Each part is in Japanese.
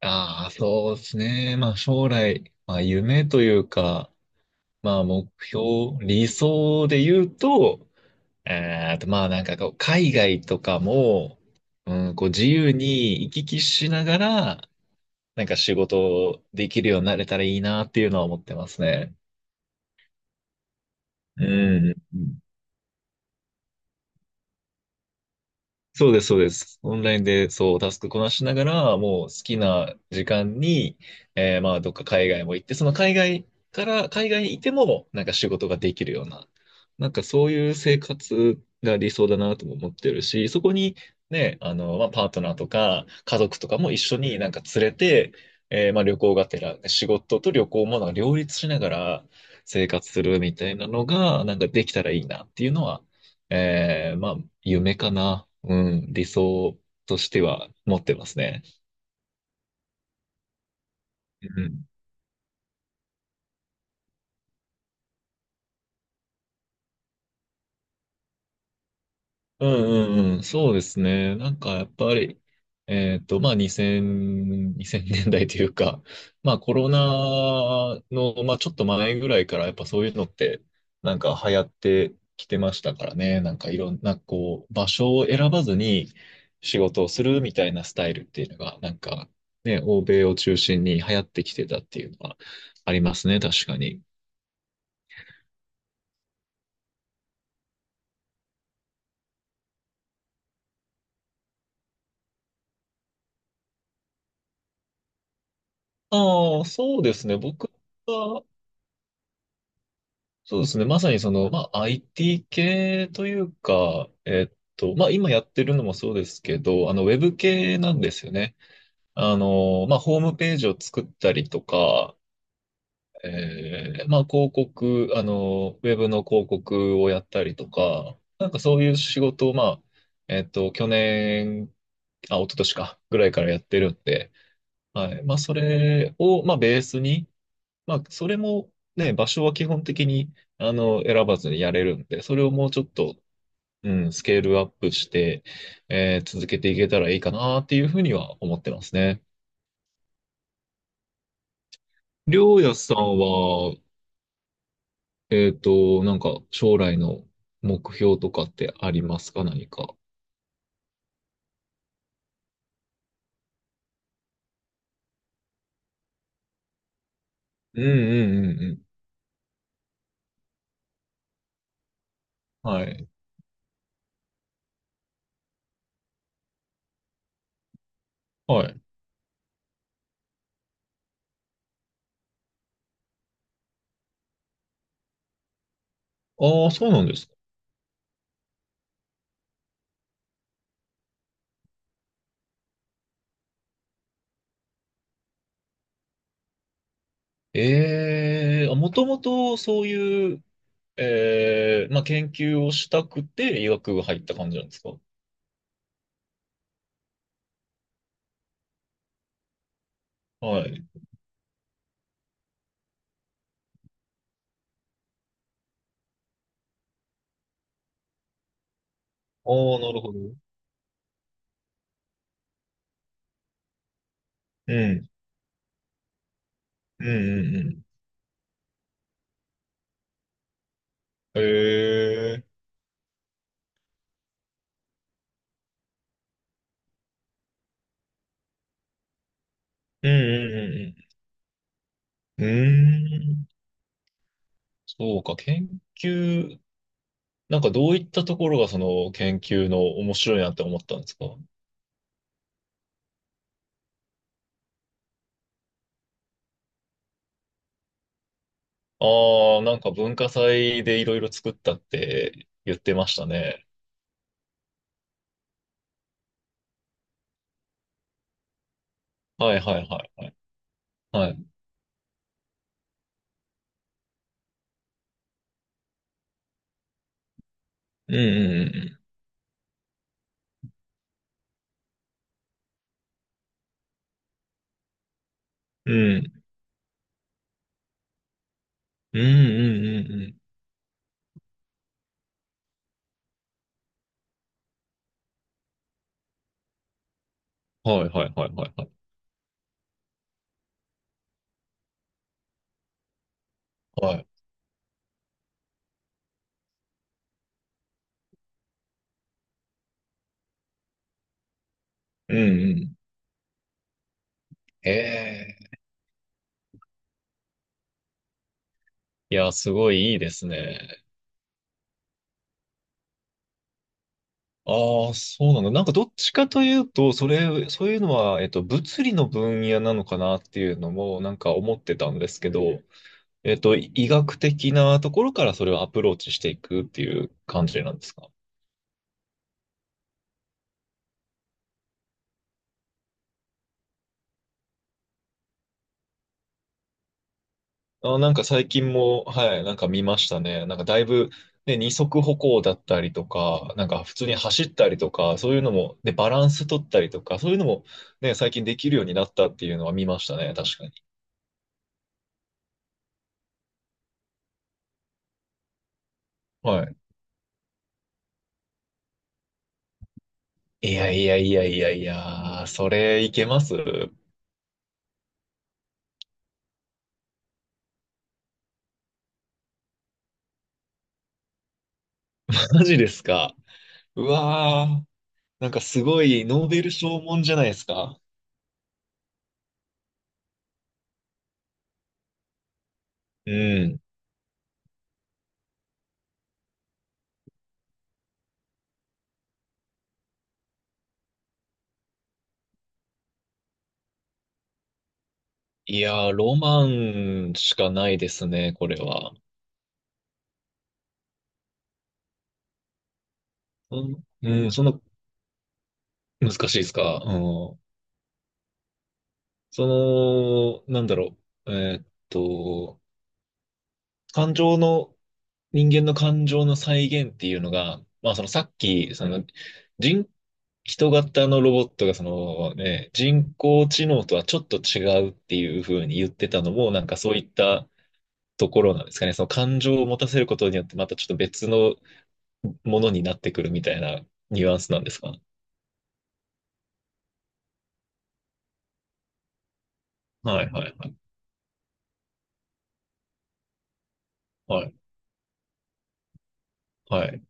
ああ、そうですね。将来、夢というか、目標、理想で言うと、なんかこう、海外とかも、うん、こう自由に行き来しながら、なんか仕事できるようになれたらいいなっていうのは思ってますね。うん。そうです、そうです。オンラインで、そう、タスクこなしながら、もう好きな時間に、どっか海外も行って、その海外から、海外にいても、なんか仕事ができるような、なんかそういう生活が理想だなとも思ってるし、そこに、ね、パートナーとか、家族とかも一緒になんか連れて、旅行がてら、仕事と旅行もなんか両立しながら生活するみたいなのが、なんかできたらいいなっていうのは、えーまあ、夢かな。うん、理想としては持ってますね。うん。うんうんうん、そうですね。なんかやっぱり、2000、年代というか、コロナの、まあちょっと前ぐらいからやっぱそういうのって、なんか流行ってきてましたからね。なんかいろんなこう、場所を選ばずに仕事をするみたいなスタイルっていうのが、なんかね、欧米を中心に流行ってきてたっていうのはありますね、確かに。ああ、そうですね。僕は、そうですね。まさにその、まあ、IT 系というか、今やってるのもそうですけど、ウェブ系なんですよね。ホームページを作ったりとか、広告、ウェブの広告をやったりとか、なんかそういう仕事を、去年、あ、一昨年か、ぐらいからやってるんで、はい。それを、ベースに、それもね、場所は基本的に、選ばずにやれるんで、それをもうちょっと、うん、スケールアップして、続けていけたらいいかなっていうふうには思ってますね。りょうやさんは、なんか、将来の目標とかってありますか何か。うんうんうんうん。はい。はい。ああ、そうなんですか。ええ、もともとそういう、ええ、まあ、研究をしたくて医学部入った感じなんですか。はい。おー、なるほど。うん。うんうんうん。へえ。うんうんうんうん。うーん。そうか、研究、なんかどういったところがその研究の面白いなって思ったんですか。ああなんか文化祭でいろいろ作ったって言ってましたね。はいはいはいはい。はい。うんうんうんうん。うんうんうんうん。はいはいはいはいはい。はい。うんうん。へえ。いや、すごいいいですね。ああ、そうなんだ。なんかどっちかというと、それ、そういうのは、物理の分野なのかなっていうのも、なんか思ってたんですけど、医学的なところからそれをアプローチしていくっていう感じなんですか。あー、なんか最近も、はい、なんか見ましたね。なんかだいぶ、ね、二足歩行だったりとか、なんか普通に走ったりとか、そういうのも、で、バランス取ったりとか、そういうのも、ね、最近できるようになったっていうのは見ましたね。確かに。はい。いやいやいやいやいや、それいけます マジですか。うわー、なんかすごいノーベル賞もんじゃないですか。うん。いやー、ロマンしかないですね、これは。うん、うん、そんな難しいですか。うん。その、なんだろう。感情の人間の感情の再現っていうのが、まあそのさっき、その人、人型のロボットがそのね、人工知能とはちょっと違うっていうふうに言ってたのも、なんかそういったところなんですかね。その感情を持たせることによってまたちょっと別のものになってくるみたいなニュアンスなんですか。はいはいはい。はい。はい。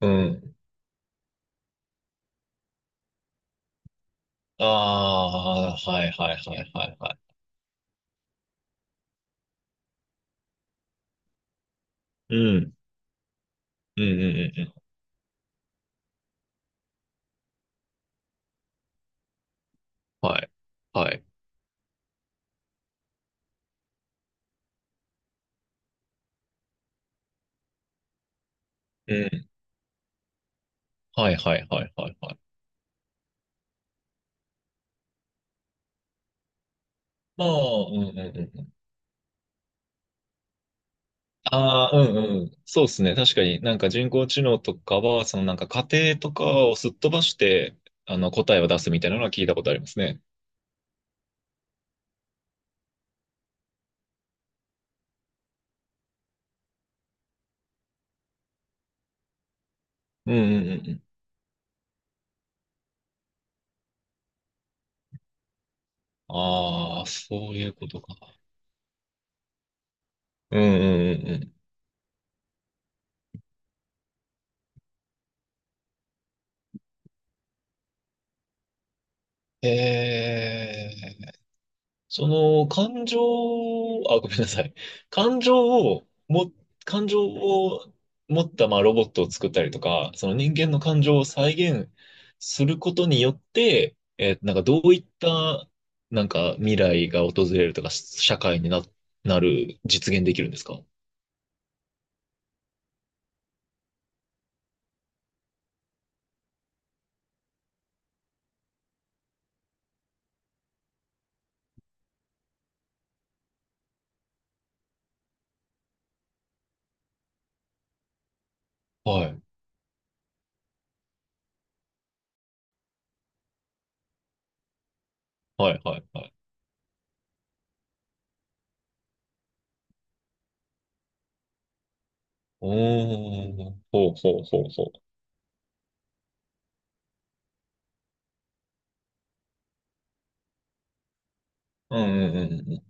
うん。ああ、はいはいはいはいはい。うん。うんうんうんうん。はい。はい。うん。はいはいはいはいはい。まあ、うんうんうんうん。ああ、うんうん。そうですね。確かになんか人工知能とかは、そのなんか仮定とかをすっ飛ばして、あの答えを出すみたいなのは聞いたことありますね。うんうんうんうん。ああ、そういうことか。うんうんうんうん。へえ。その感情を、あ、ごめんなさい。感情をも、感情を持ったまあロボットを作ったりとか、その人間の感情を再現することによって、なんかどういったなんか未来が訪れるとか、し社会にな、なる、実現できるんですか。はい。はい、はい、はい。おー、ほうほうほうほう。うん、うん、うん。うん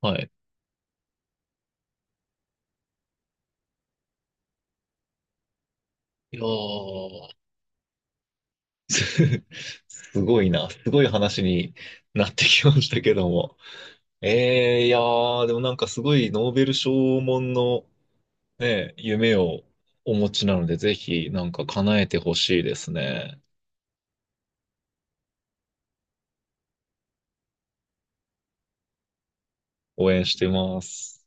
はい。いやー すすごいな。すごい話になってきましたけども。えー、いやー、でもなんかすごいノーベル賞門のね、夢をお持ちなので、ぜひなんか叶えてほしいですね。応援してます。